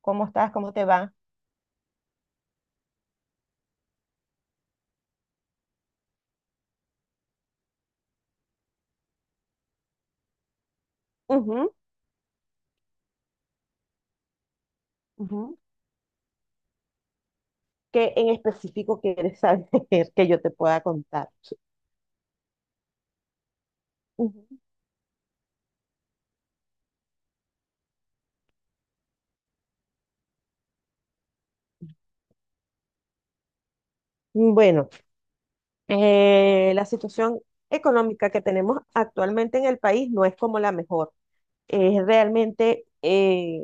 ¿Cómo estás? ¿Cómo te va? Ujú, ujú. ¿Qué en específico quieres saber que yo te pueda contar? Ujú. Bueno, la situación económica que tenemos actualmente en el país no es como la mejor. Es realmente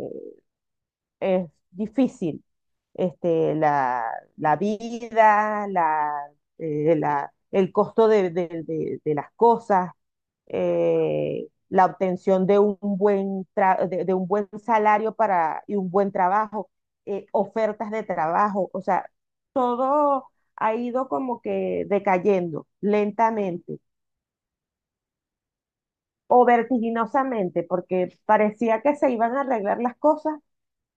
es difícil. Este, la vida, la, la- El costo de las cosas, la obtención de un buen, de un buen salario y un buen trabajo, ofertas de trabajo, o sea, todo ha ido como que decayendo lentamente o vertiginosamente, porque parecía que se iban a arreglar las cosas,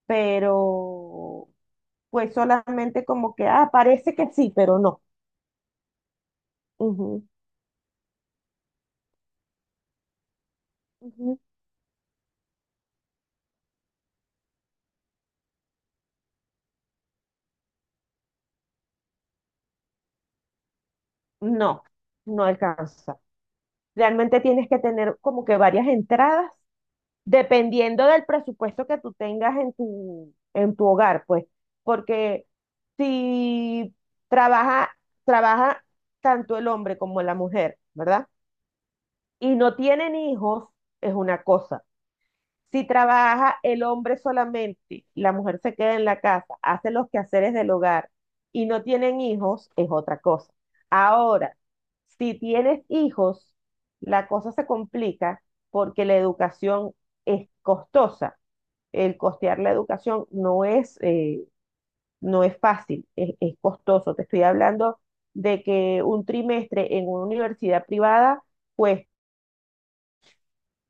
pero fue solamente como que, parece que sí, pero no. Ujú. Ujú. No, no alcanza. Realmente tienes que tener como que varias entradas, dependiendo del presupuesto que tú tengas en en tu hogar, pues, porque si trabaja, trabaja tanto el hombre como la mujer, ¿verdad? Y no tienen hijos, es una cosa. Si trabaja el hombre solamente, la mujer se queda en la casa, hace los quehaceres del hogar y no tienen hijos, es otra cosa. Ahora, si tienes hijos, la cosa se complica porque la educación es costosa. El costear la educación no es fácil, es costoso. Te estoy hablando de que un trimestre en una universidad privada cuesta.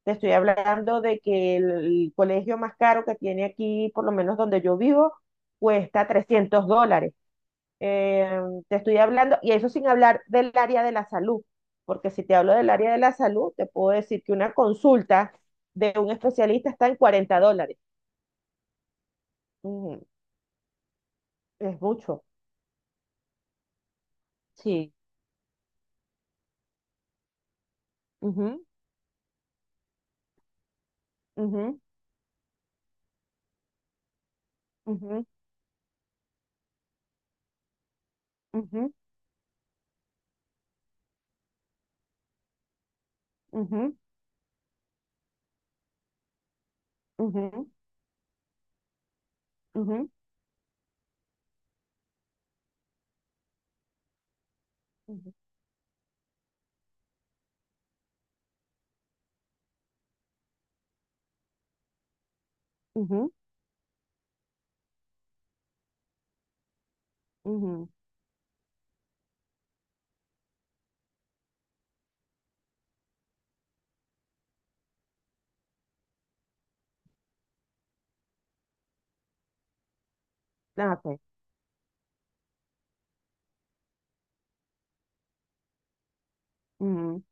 Te estoy hablando de que colegio más caro que tiene aquí, por lo menos donde yo vivo, cuesta $300. Eh, Te estoy hablando, y eso sin hablar del área de la salud, porque si te hablo del área de la salud, te puedo decir que una consulta de un especialista está en $40. Ujú. Es mucho. Sí. Ujú, ujú, ujú, ujú, ujú, ujú, ujú, ujú, ujú, ujú. Ah, ok. Ujú.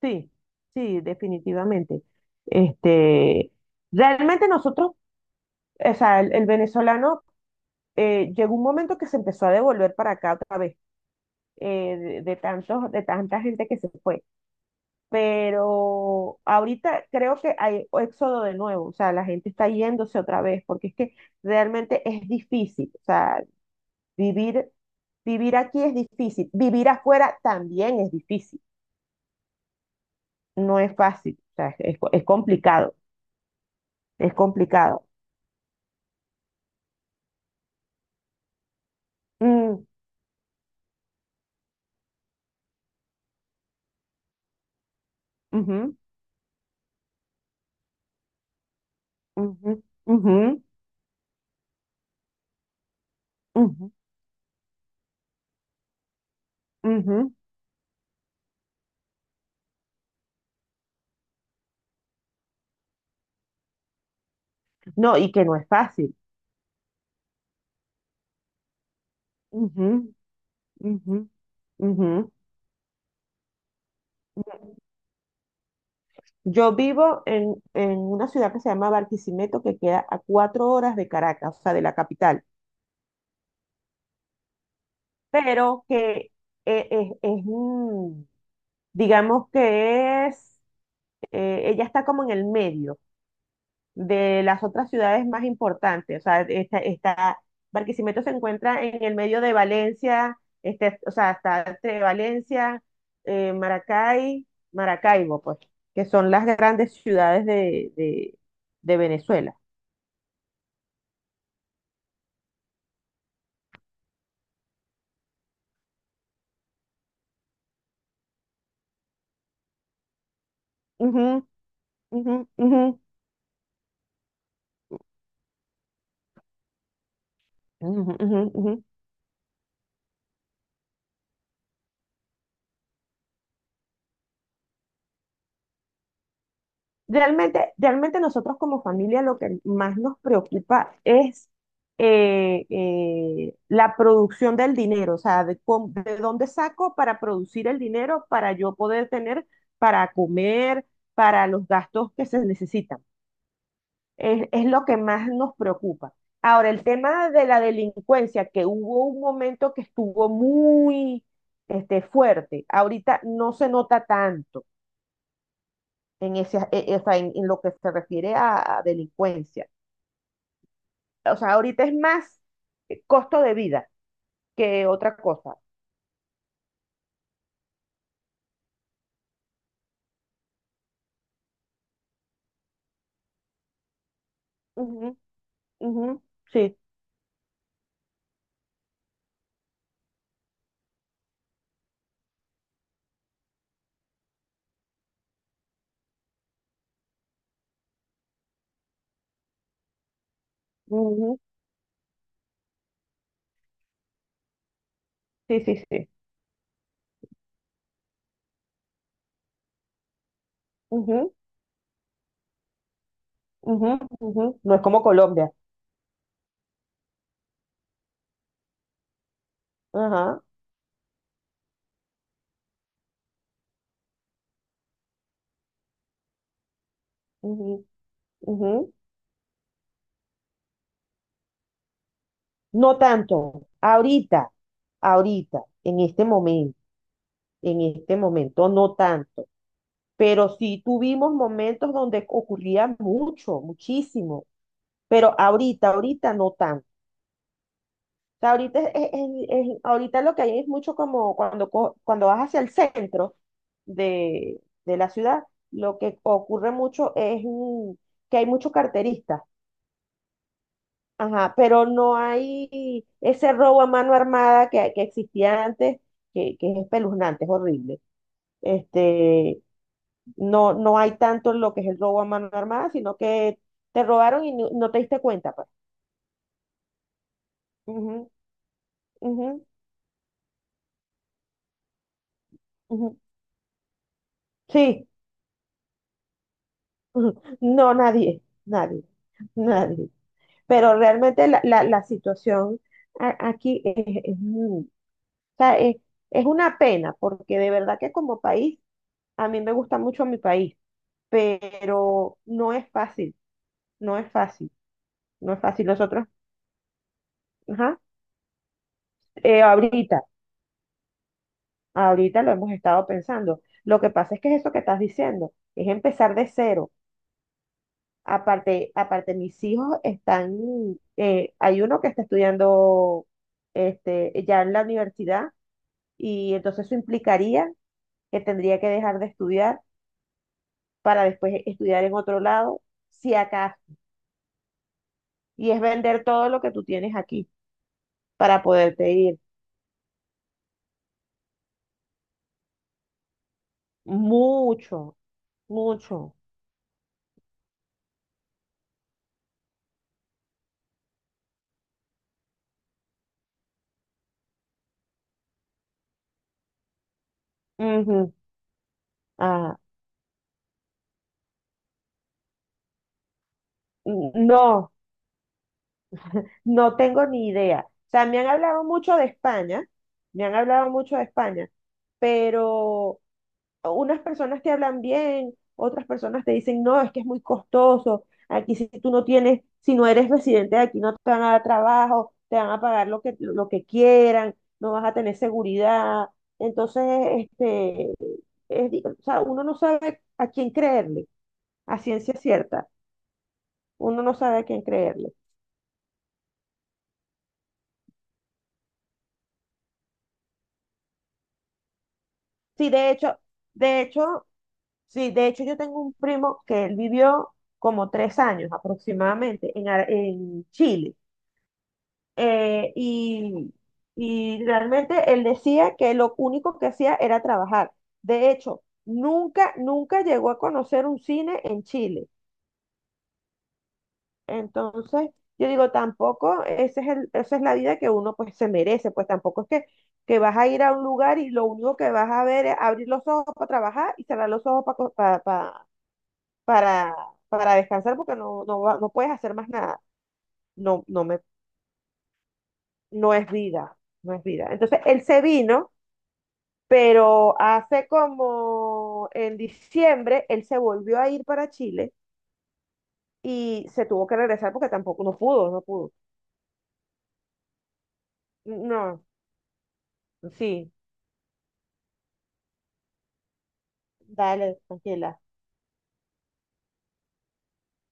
Sí, sí, definitivamente. Este, Realmente nosotros, o sea, el venezolano llegó un momento que se empezó a devolver para acá otra vez, de tanta gente que se fue. Pero ahorita creo que hay éxodo de nuevo, o sea, la gente está yéndose otra vez, porque es que realmente es difícil, o sea, vivir, vivir aquí es difícil, vivir afuera también es difícil, no es fácil, o sea, es complicado, es complicado. Mm, ujú, ujú, ujú, ujú, ujú. No, y que no es fácil. Ujú, ujú, ujú. Yo vivo en una ciudad que se llama Barquisimeto, que queda a 4 horas de Caracas, o sea, de la capital, pero que eh, es, es, mm, digamos que es, ella está como en el medio, de las otras ciudades más importantes. O sea, Barquisimeto se encuentra en el medio de Valencia, o sea, está entre Valencia, Maracay, Maracaibo, pues, que son las grandes ciudades de Venezuela. Ujú, ujú, ujú, ujú, ujú, ujú. Realmente, realmente nosotros como familia lo que más nos preocupa es la producción del dinero, o sea, de dónde saco para producir el dinero para yo poder tener para comer, para los gastos que se necesitan. Es lo que más nos preocupa. Ahora, el tema de la delincuencia, que hubo un momento que estuvo muy fuerte, ahorita no se nota tanto o sea, en lo que se refiere a delincuencia. O sea, ahorita es más costo de vida que otra cosa. Ujú, ujú, sí, ujú, sí, sí, sí. Ujú, ujú, ujú. No es como Colombia. Ajá, ujú, ujú. No tanto. Ahorita, en este momento, no tanto. Pero sí tuvimos momentos donde ocurría mucho, muchísimo. Pero ahorita no tanto. Sea, ahorita, es- ahorita lo que hay es mucho como cuando vas hacia el centro de la ciudad, lo que ocurre mucho es que hay muchos carteristas, ajá, pero no hay ese robo a mano armada que existía antes, que es espeluznante, es horrible. Este, no, no hay tanto lo que es el robo a mano armada, sino que te robaron y no, no te diste cuenta, pues. Ujú, ujú, ujú. Sí. No, nadie, nadie, nadie. Pero realmente la situación aquí o sea, es una pena, porque de verdad que como país, a mí me gusta mucho mi país, pero no es fácil, no es fácil, no es fácil. Nosotros, ajá, eh, ahorita, ahorita lo hemos estado pensando. Lo que pasa es que es eso que estás diciendo, es empezar de cero. Aparte, mis hijos están, hay uno que está estudiando ya en la universidad y entonces eso implicaría que tendría que dejar de estudiar para después estudiar en otro lado, si acaso. Y es vender todo lo que tú tienes aquí para poderte ir. Mucho, mucho. Ujú. Ah, no, no tengo ni idea. O sea, me han hablado mucho de España pero unas personas te hablan bien, otras personas te dicen, no, es que es muy costoso, aquí si tú no tienes, si no eres residente de aquí no te van a dar trabajo, te van a pagar lo que quieran, no vas a tener seguridad. Entonces, este, o sea, uno no sabe a quién creerle, a ciencia cierta, uno no sabe a quién creerle. Sí, de hecho, de hecho, Sí, de hecho yo tengo un primo que él vivió como 3 años aproximadamente en Chile eh, y, y realmente él decía que lo único que hacía era trabajar. De hecho, nunca, nunca llegó a conocer un cine en Chile. Entonces, yo digo, tampoco, ese es el, esa es la vida que uno pues se merece, pues tampoco es que vas a ir a un lugar y lo único que vas a ver es abrir los ojos para trabajar y cerrar los ojos para, para, para descansar porque no, no, no puedes hacer más nada. No, no es vida, no es vida. Entonces, él se vino pero hace como en diciembre él se volvió a ir para Chile y se tuvo que regresar porque tampoco, no pudo, no pudo. No, sí, dale, tranquila.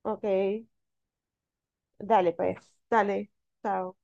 Ok, dale pues, dale, chao.